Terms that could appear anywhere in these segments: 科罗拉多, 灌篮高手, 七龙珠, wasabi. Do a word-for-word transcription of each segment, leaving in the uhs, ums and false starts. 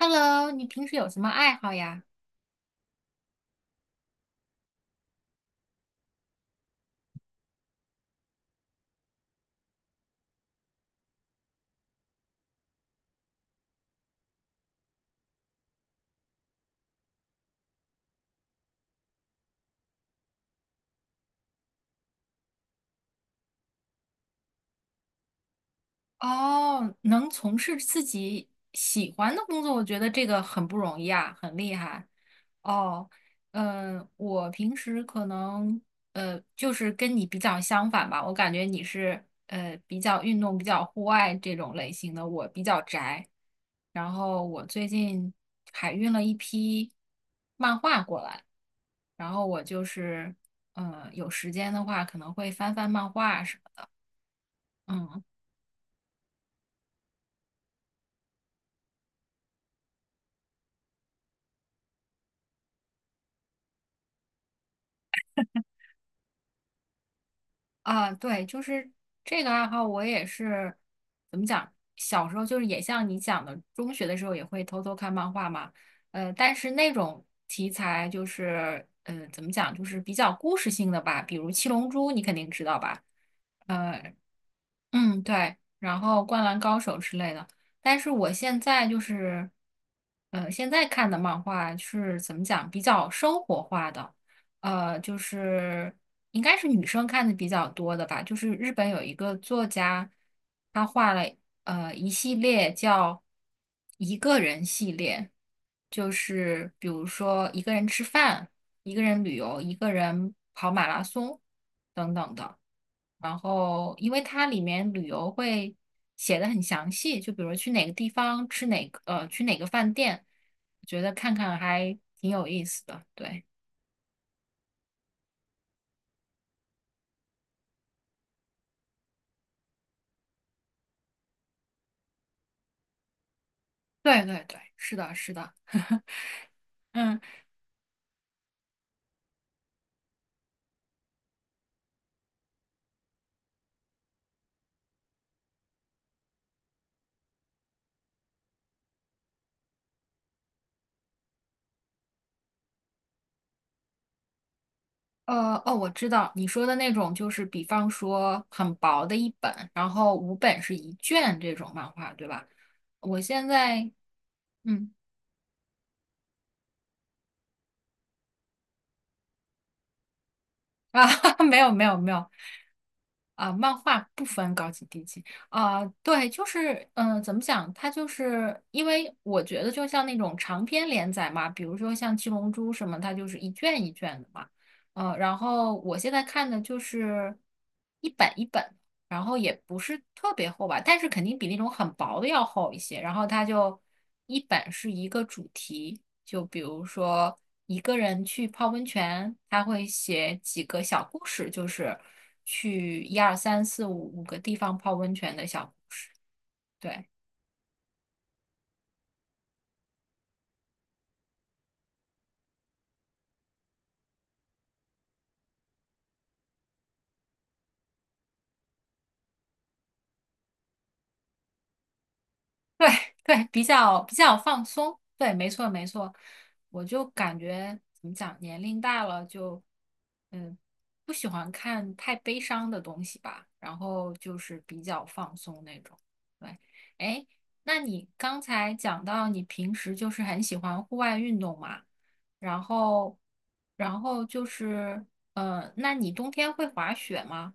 Hello,你平时有什么爱好呀？哦，能从事自己喜欢的工作，我觉得这个很不容易啊，很厉害。哦，嗯，我平时可能呃，就是跟你比较相反吧，我感觉你是呃比较运动、比较户外这种类型的，我比较宅。然后我最近海运了一批漫画过来，然后我就是呃有时间的话可能会翻翻漫画。嗯啊，对，就是这个爱好，我也是怎么讲？小时候就是也像你讲的，中学的时候也会偷偷看漫画嘛。呃，但是那种题材就是呃怎么讲，就是比较故事性的吧，比如《七龙珠》，你肯定知道吧？呃。嗯，对，然后《灌篮高手》之类的。但是我现在就是，呃，现在看的漫画是怎么讲，比较生活化的，呃，就是应该是女生看的比较多的吧。就是日本有一个作家，他画了呃一系列叫一个人系列，就是比如说一个人吃饭、一个人旅游、一个人跑马拉松等等的。然后，因为它里面旅游会写的很详细，就比如去哪个地方吃哪个，呃，去哪个饭店，我觉得看看还挺有意思的。对，对对对，是的，是的。嗯。呃，哦，我知道你说的那种，就是比方说很薄的一本，然后五本是一卷这种漫画，对吧？我现在，嗯，啊，没有没有没有，啊，漫画不分高级低级啊，对，就是，嗯、怎么讲？它就是因为我觉得，就像那种长篇连载嘛，比如说像《七龙珠》什么，它就是一卷一卷的嘛，呃，然后我现在看的就是一本一本。然后也不是特别厚吧，但是肯定比那种很薄的要厚一些。然后它就一本是一个主题，就比如说一个人去泡温泉，他会写几个小故事，就是去一二三四五五个地方泡温泉的小，对。对对，比较比较放松，对，没错没错，我就感觉怎么讲，年龄大了就，嗯，不喜欢看太悲伤的东西吧，然后就是比较放松那种。对，哎，那你刚才讲到你平时就是很喜欢户外运动嘛，然后，然后就是，呃，那你冬天会滑雪吗？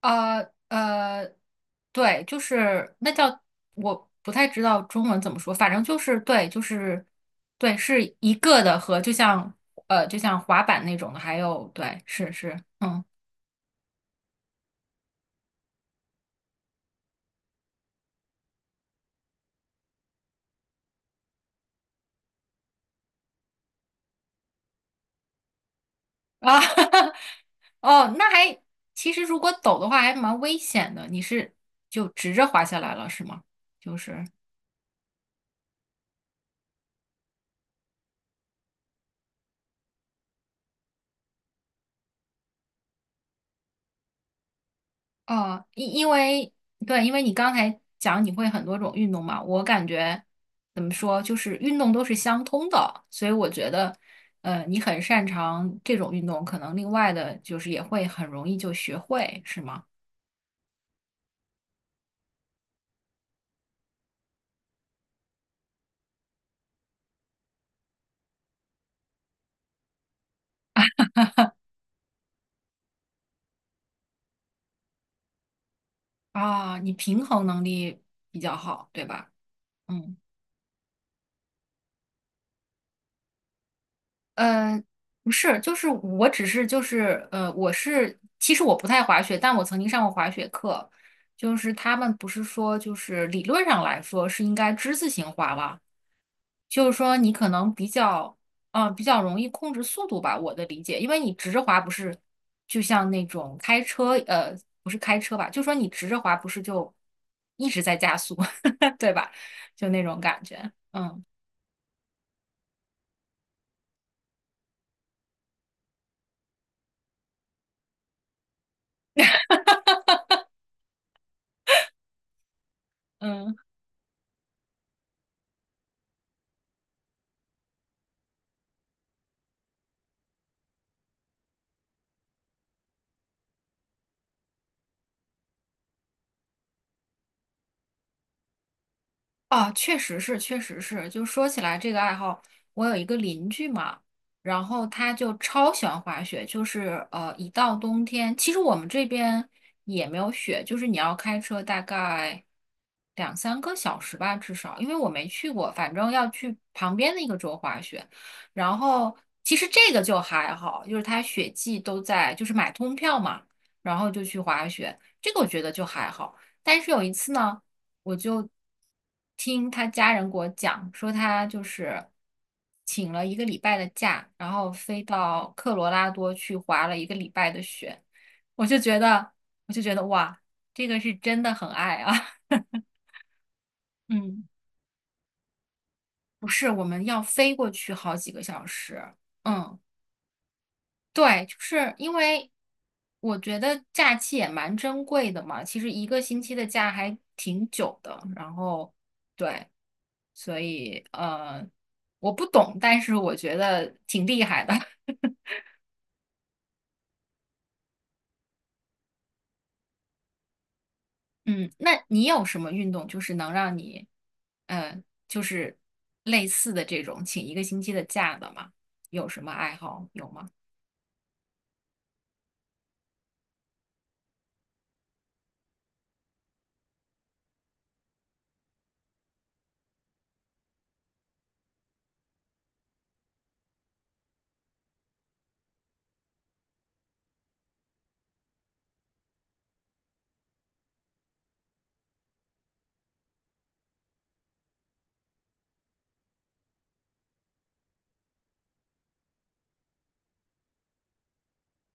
呃呃，对，就是那叫我不太知道中文怎么说，反正就是对，就是对，是一个的和就像呃就像滑板那种的，还有对，是是，嗯啊，哦，那还其实如果抖的话还蛮危险的，你是就直着滑下来了是吗？就是。哦，因因为对，因为你刚才讲你会很多种运动嘛，我感觉怎么说，就是运动都是相通的，所以我觉得，呃，你很擅长这种运动，可能另外的就是也会很容易就学会，是吗？啊，你平衡能力比较好，对吧？嗯。呃，不是，就是我只是就是呃，我是其实我不太滑雪，但我曾经上过滑雪课，就是他们不是说就是理论上来说是应该之字形滑吧，就是说你可能比较嗯、呃比较容易控制速度吧，我的理解，因为你直着滑不是就像那种开车呃不是开车吧，就说你直着滑不是就一直在加速，对吧？就那种感觉，嗯嗯。啊，确实是，确实是。就说起来这个爱好，我有一个邻居嘛，然后他就超喜欢滑雪，就是呃，一到冬天，其实我们这边也没有雪，就是你要开车大概两三个小时吧，至少，因为我没去过，反正要去旁边的一个州滑雪。然后其实这个就还好，就是他雪季都在，就是买通票嘛，然后就去滑雪，这个我觉得就还好。但是有一次呢。我就听他家人给我讲，说他就是请了一个礼拜的假，然后飞到科罗拉多去滑了一个礼拜的雪，我就觉得，我就觉得哇，这个是真的很爱啊。嗯，不是，我们要飞过去好几个小时。嗯，对，就是因为我觉得假期也蛮珍贵的嘛，其实一个星期的假还挺久的，然后。对。所以呃，我不懂，但是我觉得挺厉害的。嗯，那你有什么运动就是能让你，呃，就是类似的这种请一个星期的假的吗？有什么爱好有吗？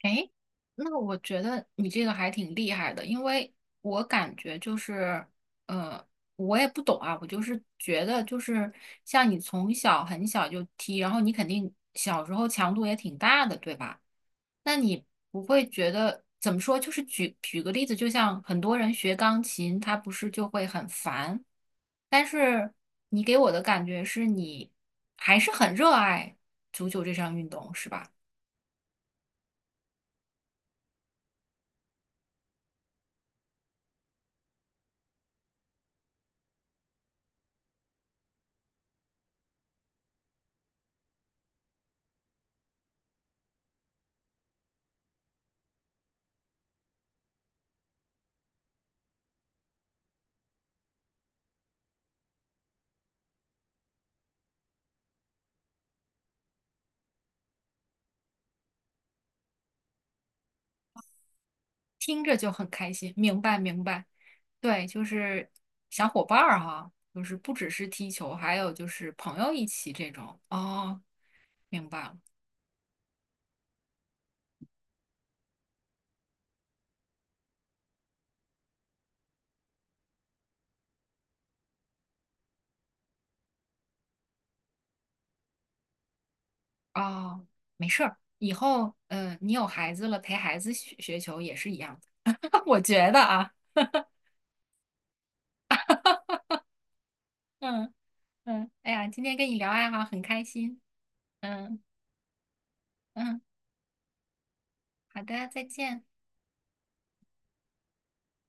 诶，那我觉得你这个还挺厉害的，因为我感觉就是，呃，我也不懂啊，我就是觉得就是像你从小很小就踢，然后你肯定小时候强度也挺大的，对吧？那你不会觉得怎么说？就是举举个例子，就像很多人学钢琴，他不是就会很烦，但是你给我的感觉是你还是很热爱足球这项运动，是吧？听着就很开心。明白，明白。对，就是小伙伴儿哈，就是不只是踢球，还有就是朋友一起这种。哦，明白了。哦，没事儿，以后嗯、呃你有孩子了，陪孩子学学球也是一样的。我觉得啊，嗯嗯，哎呀，今天跟你聊爱好很开心。嗯嗯，好的，再见。